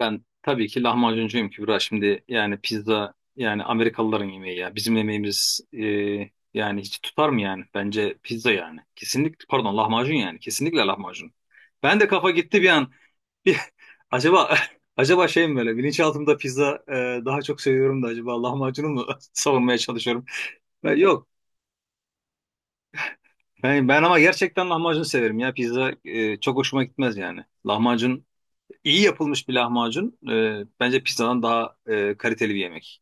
Ben tabii ki lahmacuncuyum Kübra. Şimdi yani pizza yani Amerikalıların yemeği ya. Bizim yemeğimiz yani hiç tutar mı yani? Bence pizza yani. Kesinlikle pardon lahmacun yani. Kesinlikle lahmacun. Ben de kafa gitti bir an. Bir, acaba acaba şey mi böyle bilinçaltımda pizza daha çok seviyorum da acaba lahmacunu mu savunmaya çalışıyorum? Yok. Ben ama gerçekten lahmacun severim ya. Pizza çok hoşuma gitmez yani. Lahmacun. İyi yapılmış bir lahmacun bence pizzadan daha kaliteli bir yemek.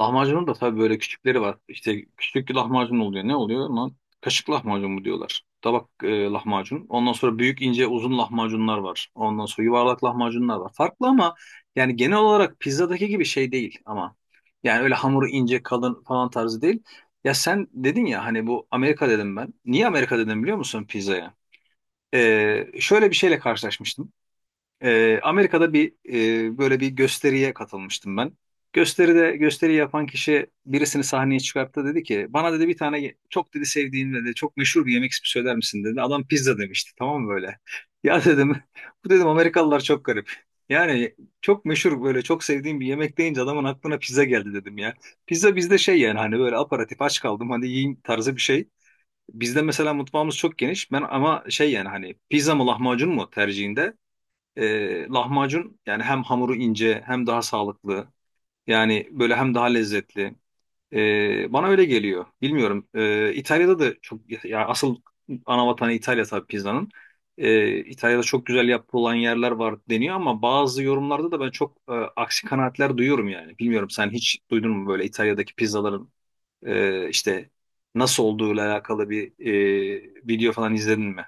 Lahmacunun da tabii böyle küçükleri var. İşte küçük bir lahmacun oluyor. Ne oluyor lan? Kaşık lahmacun mu diyorlar. Tabak lahmacun. Ondan sonra büyük ince uzun lahmacunlar var. Ondan sonra yuvarlak lahmacunlar var. Farklı ama yani genel olarak pizzadaki gibi şey değil ama. Yani öyle hamuru ince kalın falan tarzı değil. Ya sen dedin ya hani bu Amerika dedim ben. Niye Amerika dedim biliyor musun pizzaya? Şöyle bir şeyle karşılaşmıştım. Amerika'da bir böyle bir gösteriye katılmıştım ben. Gösteride gösteri yapan kişi birisini sahneye çıkarttı dedi ki bana dedi bir tane çok dedi sevdiğin dedi çok meşhur bir yemek ismi söyler misin dedi. Adam pizza demişti, tamam mı böyle? Ya dedim bu dedim Amerikalılar çok garip. Yani çok meşhur böyle çok sevdiğim bir yemek deyince adamın aklına pizza geldi dedim ya. Pizza bizde şey yani hani böyle aparatif aç kaldım hadi yiyeyim tarzı bir şey. Bizde mesela mutfağımız çok geniş. Ben ama şey yani hani pizza mı lahmacun mu tercihinde lahmacun yani hem hamuru ince hem daha sağlıklı. Yani böyle hem daha lezzetli. Bana öyle geliyor. Bilmiyorum. İtalya'da da çok ya asıl ana vatanı İtalya tabii pizzanın. İtalya'da çok güzel yapılan yerler var deniyor ama bazı yorumlarda da ben çok aksi kanaatler duyuyorum yani. Bilmiyorum sen hiç duydun mu böyle İtalya'daki pizzaların işte nasıl olduğuyla alakalı bir video falan izledin mi?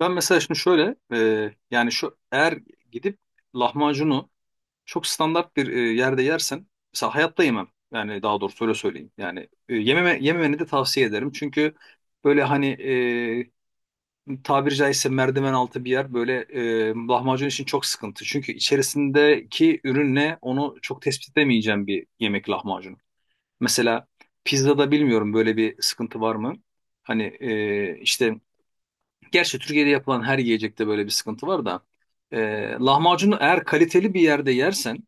Ben mesela şimdi şöyle yani şu eğer gidip lahmacunu çok standart bir yerde yersen mesela hayatta yemem. Yani daha doğrusu öyle söyleyeyim. Yani yememeni de tavsiye ederim. Çünkü böyle hani tabiri caizse merdiven altı bir yer böyle lahmacun için çok sıkıntı. Çünkü içerisindeki ürünle onu çok tespit edemeyeceğim bir yemek lahmacun. Mesela pizzada bilmiyorum böyle bir sıkıntı var mı? Hani işte gerçi Türkiye'de yapılan her yiyecekte böyle bir sıkıntı var da e, lahmacunu eğer kaliteli bir yerde yersen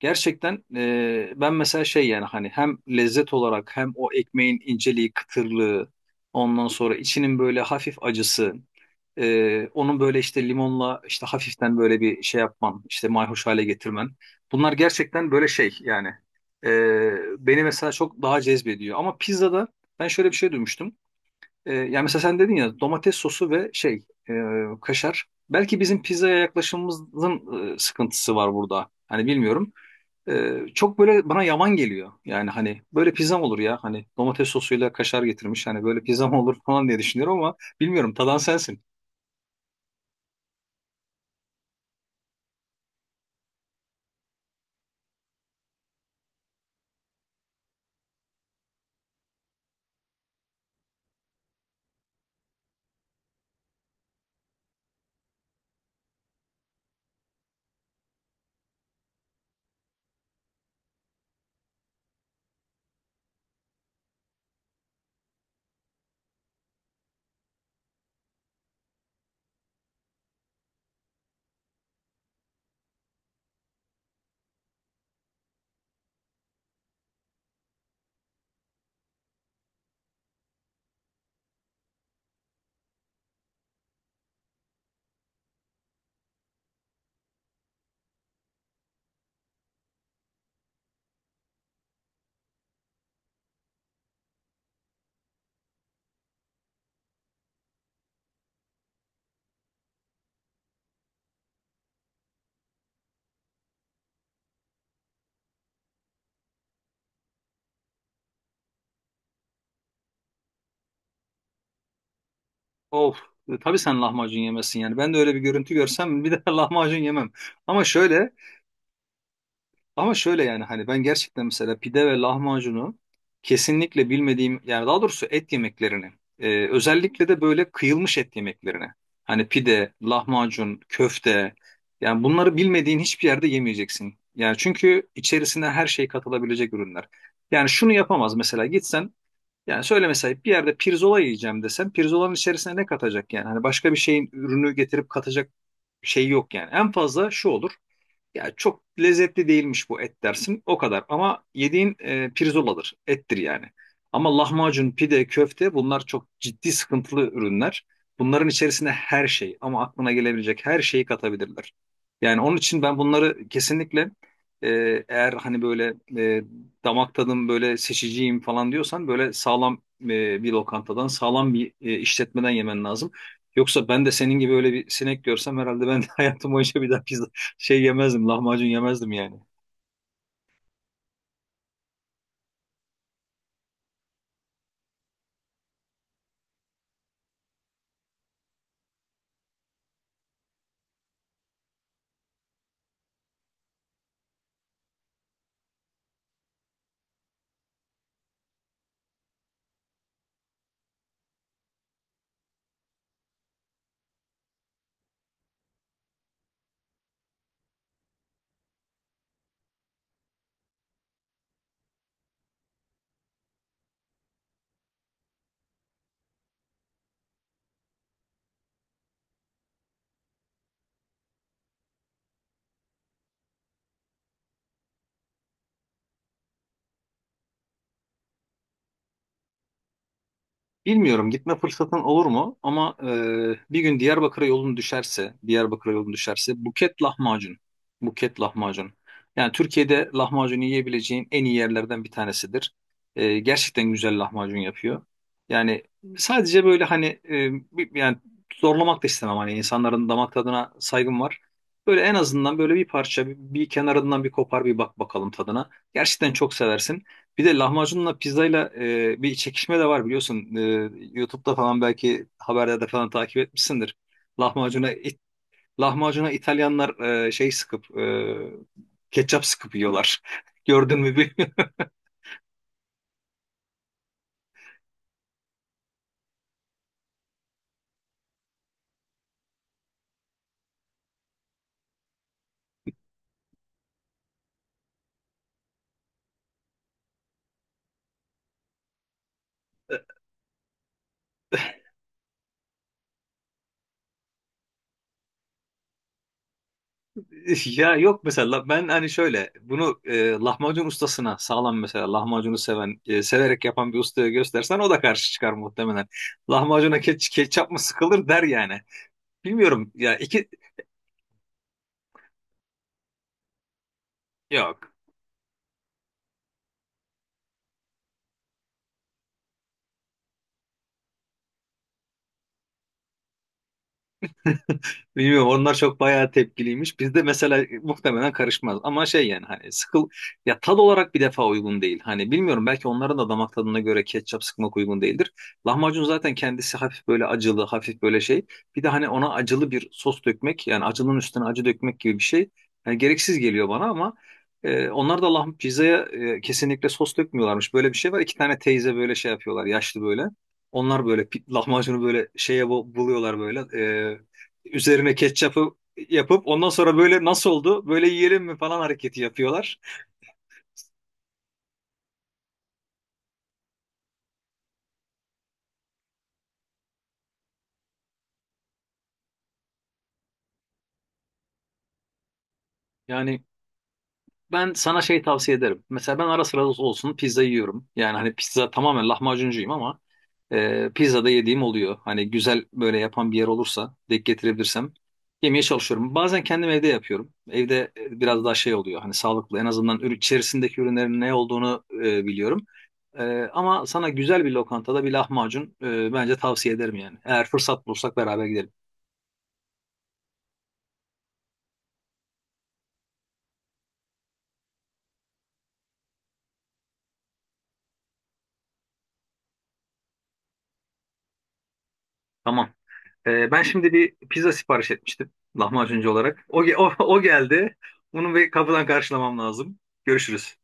gerçekten ben mesela şey yani hani hem lezzet olarak hem o ekmeğin inceliği, kıtırlığı, ondan sonra içinin böyle hafif acısı, onun böyle işte limonla işte hafiften böyle bir şey yapman işte mayhoş hale getirmen, bunlar gerçekten böyle şey yani, e, beni mesela çok daha cezbediyor ama pizzada ben şöyle bir şey duymuştum. Yani mesela sen dedin ya domates sosu ve şey, e, kaşar. Belki bizim pizzaya yaklaşımımızın sıkıntısı var burada. Hani bilmiyorum. Çok böyle bana yaman geliyor. Yani hani böyle pizzam olur ya. Hani domates sosuyla kaşar getirmiş. Hani böyle pizzam olur falan diye düşünüyorum ama bilmiyorum. Tadan sensin. Of. Tabii sen lahmacun yemezsin yani. Ben de öyle bir görüntü görsem bir de lahmacun yemem. Ama Ama şöyle yani hani ben gerçekten mesela pide ve lahmacunu kesinlikle bilmediğim yani daha doğrusu et yemeklerini özellikle de böyle kıyılmış et yemeklerini, hani pide, lahmacun, köfte, yani bunları bilmediğin hiçbir yerde yemeyeceksin. Yani çünkü içerisine her şey katılabilecek ürünler. Yani şunu yapamaz mesela gitsen yani söyle mesela bir yerde pirzola yiyeceğim desen pirzolanın içerisine ne katacak yani? Hani başka bir şeyin ürünü getirip katacak şey yok yani. En fazla şu olur. Ya çok lezzetli değilmiş bu et dersin o kadar ama yediğin pirzoladır, ettir yani. Ama lahmacun, pide, köfte bunlar çok ciddi sıkıntılı ürünler. Bunların içerisine her şey ama aklına gelebilecek her şeyi katabilirler. Yani onun için ben bunları kesinlikle, e, eğer hani böyle damak tadım böyle seçiciyim falan diyorsan böyle sağlam bir lokantadan sağlam bir işletmeden yemen lazım. Yoksa ben de senin gibi öyle bir sinek görsem herhalde ben de hayatım boyunca bir daha pizza yemezdim, lahmacun yemezdim yani. Bilmiyorum gitme fırsatın olur mu ama bir gün Diyarbakır'a yolun düşerse, Diyarbakır'a yolun düşerse Buket lahmacun. Buket lahmacun. Yani Türkiye'de lahmacunu yiyebileceğin en iyi yerlerden bir tanesidir. Gerçekten güzel lahmacun yapıyor. Yani sadece böyle hani yani zorlamak da istemem hani insanların damak tadına saygım var. Böyle en azından böyle bir parça bir kenarından bir kopar bir bak bakalım tadına. Gerçekten çok seversin. Bir de lahmacunla pizzayla bir çekişme de var biliyorsun. YouTube'da falan belki haberlerde falan takip etmişsindir. Lahmacuna it- Lahmacuna İtalyanlar e, şey sıkıp e, ketçap sıkıp yiyorlar. Gördün mü bilmiyorum. Ya yok mesela ben hani şöyle bunu lahmacun ustasına sağlam mesela lahmacunu seven severek yapan bir ustaya göstersen o da karşı çıkar muhtemelen. Lahmacuna ketçap mı sıkılır der yani. Bilmiyorum ya iki yok Bilmiyorum onlar çok bayağı tepkiliymiş. Bizde mesela muhtemelen karışmaz. Ama şey yani hani ya tad olarak bir defa uygun değil. Hani bilmiyorum belki onların da damak tadına göre ketçap sıkmak uygun değildir. Lahmacun zaten kendisi hafif böyle acılı, hafif böyle şey. Bir de hani ona acılı bir sos dökmek yani acının üstüne acı dökmek gibi bir şey. Yani gereksiz geliyor bana ama onlar da pizzaya kesinlikle sos dökmüyorlarmış. Böyle bir şey var. İki tane teyze böyle şey yapıyorlar yaşlı böyle. Onlar böyle lahmacunu böyle şeye buluyorlar böyle. e, Üzerine ketçapı yapıp ondan sonra böyle nasıl oldu böyle yiyelim mi falan hareketi yapıyorlar. Yani ben sana şey tavsiye ederim. Mesela ben ara sıra olsun pizza yiyorum. Yani hani pizza tamamen lahmacuncuyum ama pizza da yediğim oluyor. Hani güzel böyle yapan bir yer olursa denk getirebilirsem yemeye çalışıyorum. Bazen kendim evde yapıyorum. Evde biraz daha şey oluyor. Hani sağlıklı en azından ürün, içerisindeki ürünlerin ne olduğunu biliyorum. E, Ama sana güzel bir lokantada bir lahmacun bence tavsiye ederim yani. Eğer fırsat bulursak beraber gidelim. Tamam. Ben şimdi bir pizza sipariş etmiştim lahmacuncu olarak. O, o geldi. Bunu bir kapıdan karşılamam lazım. Görüşürüz.